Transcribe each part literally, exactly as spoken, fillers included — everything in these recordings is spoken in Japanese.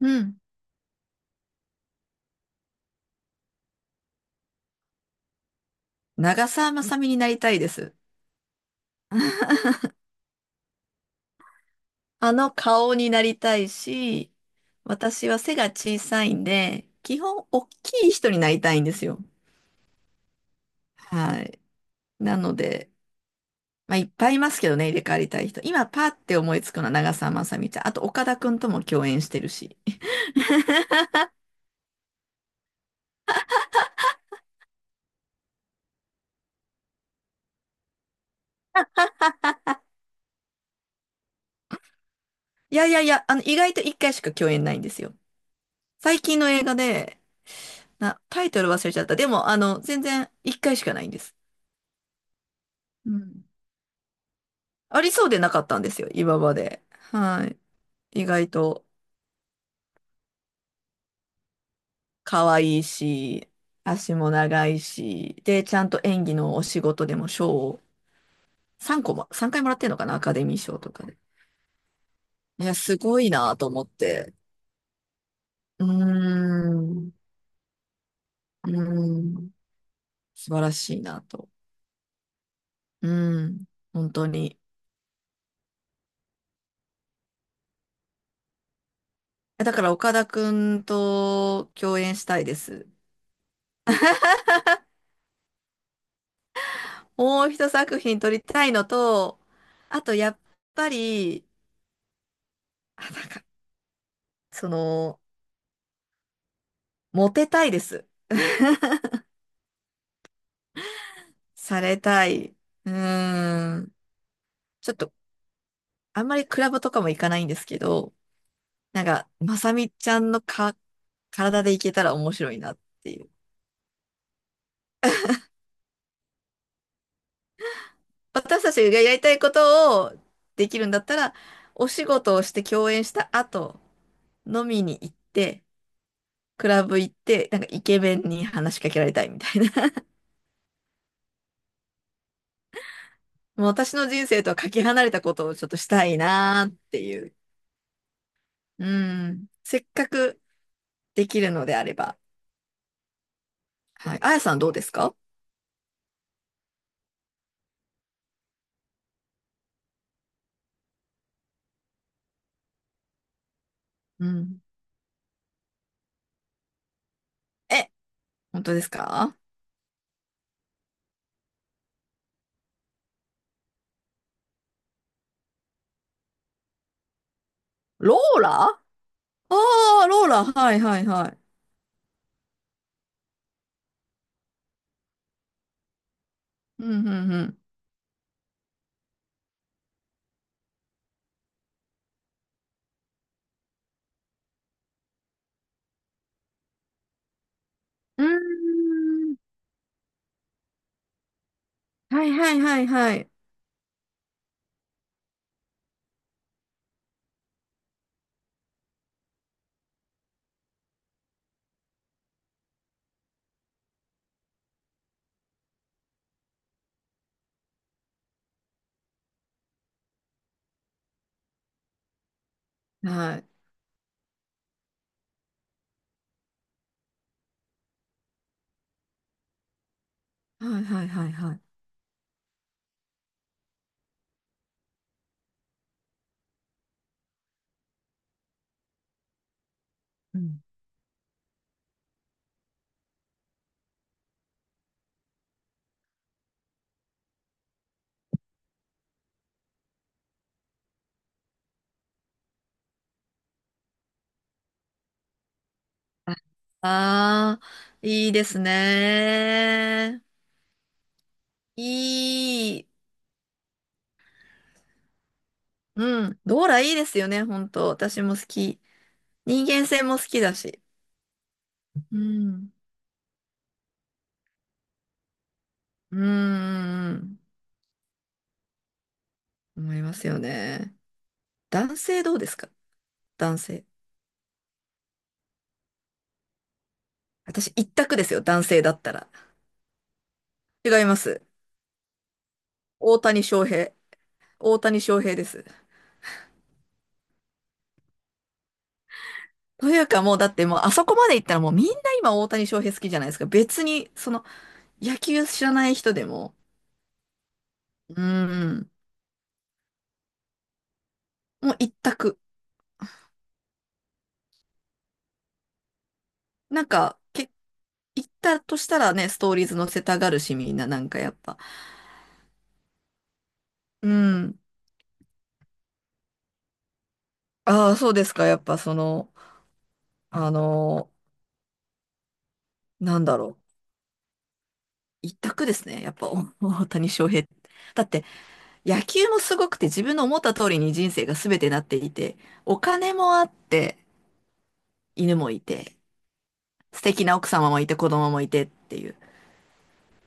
うん。長澤まさみになりたいです。あの顔になりたいし、私は背が小さいんで、基本大きい人になりたいんですよ。はい。なので、まあ、いっぱいいますけどね、入れ替わりたい人。今パーって思いつくのは長澤まさみちゃん。あと岡田くんとも共演してるし。いやいやいや、あの、意外と一回しか共演ないんですよ。最近の映画で、な、タイトル忘れちゃった。でも、あの、全然一回しかないんです。うん。ありそうでなかったんですよ、今まで。はい。意外と可愛いし、足も長いし、で、ちゃんと演技のお仕事でも賞をさんこも、さんかいもらってるのかな、アカデミー賞とかで。いや、すごいなと思って。うーん、うーん、素晴らしいなと。うん、本当に。えだから岡田くんと共演したいです。もう一作品撮りたいのと、あとやっぱり、あ、なんか、その、モテたいです。されたい。うーん。ちょっと、あんまりクラブとかも行かないんですけど、なんか、まさみちゃんのか、体で行けたら面白いなっていう。私たちがやりたいことをできるんだったら、お仕事をして共演した後、飲みに行って、クラブ行って、なんかイケメンに話しかけられたいみたいな。もう私の人生とはかけ離れたことをちょっとしたいなーっていう。うん。せっかくできるのであれば。はい。あやさんどうですか？うん。え、本当ですか？ローラ？ああー、ローラ、はいはいはい。うんうんうん。うーん。はいはいはいはい。はい。はいはいはいはい。うん。ああー、いいですね。いい。うん。ローラいいですよね、本当。私も好き。人間性も好きだし。うん。うんうんうん。思いますよね。男性どうですか？男性。私一択ですよ、男性だったら。違います。大谷翔平。大谷翔平です。というかもうだってもうあそこまで行ったらもうみんな今大谷翔平好きじゃないですか。別にその野球知らない人でも、うーん、もう一択。なんか、け、行ったとしたらね、ストーリーズ載せたがるしみんななんかやっぱ。うん。ああ、そうですか。やっぱその、あのーなんだろう。一択ですね。やっぱお大谷翔平。だって野球もすごくて自分の思った通りに人生が全てなっていて、お金もあって、犬もいて、素敵な奥様もいて、子供もいてっていう、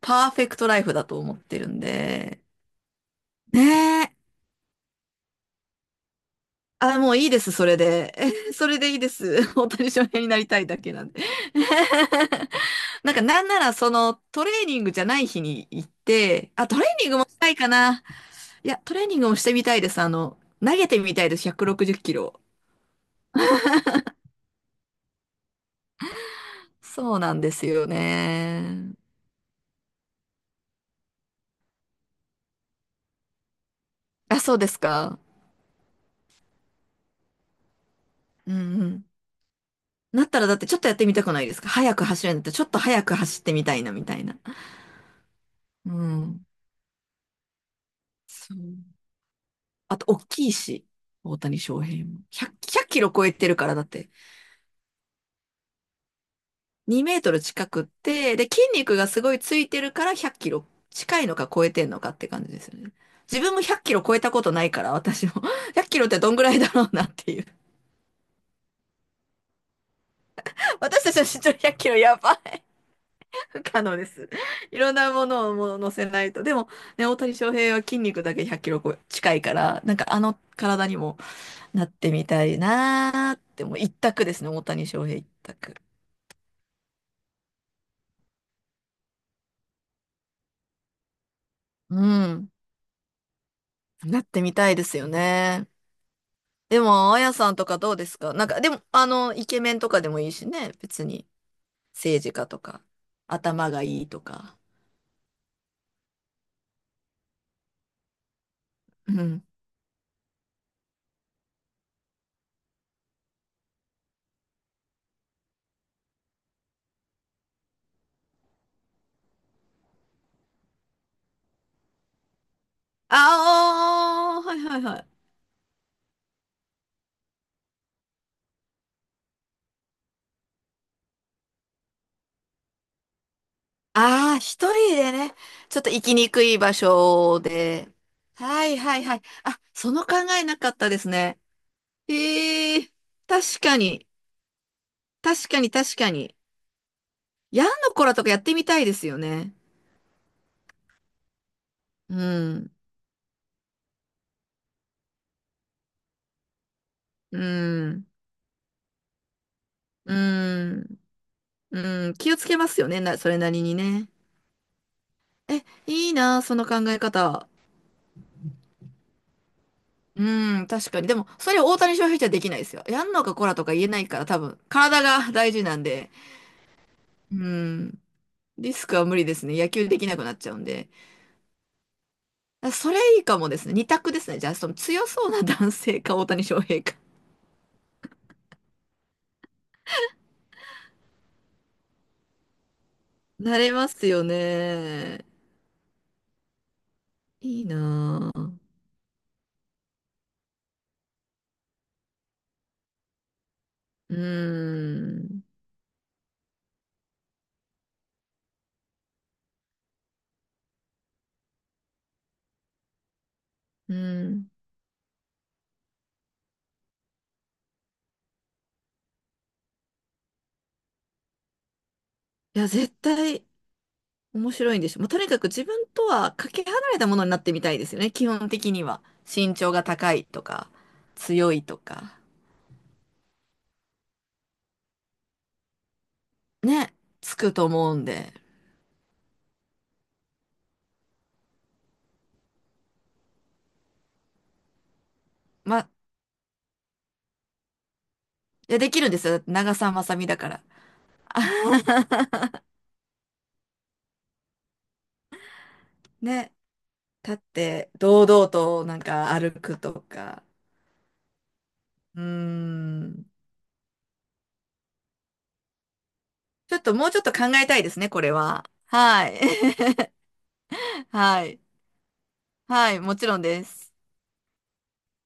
パーフェクトライフだと思ってるんで、ねえ。あ、もういいです、それで。えそれでいいです。大谷翔平になりたいだけなんで。なんか、なんなら、その、トレーニングじゃない日に行って、あ、トレーニングもしたいかな。いや、トレーニングもしてみたいです。あの、投げてみたいです、ひゃくろくじゅっキロ。そうなんですよね。あ、そうですか。うんうん。なったらだってちょっとやってみたくないですか？早く走るんだってちょっと早く走ってみたいなみたいな。うん。そう。あと、大きいし、大谷翔平も。ひゃく、ひゃくキロ超えてるからだって。にメートル近くって、で、筋肉がすごいついてるからひゃっキロ近いのか超えてんのかって感じですよね。自分もひゃっキロ超えたことないから、私も。ひゃっキロってどんぐらいだろうなっていう。私たちの身長ひゃっキロやばい。不可能です。いろんなものをもう乗せないと。でも、ね、大谷翔平は筋肉だけひゃっキロ近いから、なんかあの体にもなってみたいなーって、もう一択ですね、大谷翔平一択。うん。なってみたいですよね。でも、あやさんとかどうですか？なんか、でも、あの、イケメンとかでもいいしね、別に。政治家とか、頭がいいとか。うん。ああ、はいはいはい。ああ、一人でね、ちょっと行きにくい場所で。はいはいはい。あ、その考えなかったですね。ええ、確かに、確かに確かに。ヤンのコラとかやってみたいですよね。うん、うん、うん、うん。気をつけますよね、な、それなりにね。え、いいな、その考え方。うん、確かに。でも、それを大谷翔平じゃできないですよ。やんのかコラとか言えないから、多分、体が大事なんで。うん。リスクは無理ですね。野球できなくなっちゃうんで。あそれいいかもですね。二択ですね。じゃあ、その強そうな男性か大谷翔平か。なれますよね。いいなぁ。うーん。うん。いや、絶対面白いんでしょ。もうとにかく自分とはかけ離れたものになってみたいですよね。基本的には。身長が高いとか、強いとか。ね。つくと思うんで。ま、いや、できるんですよ。だって長澤まさみだから。あね。立って堂々となんか歩くとか。うーん。ちょっともうちょっと考えたいですね、これは。はい。はい。はい、もちろんです。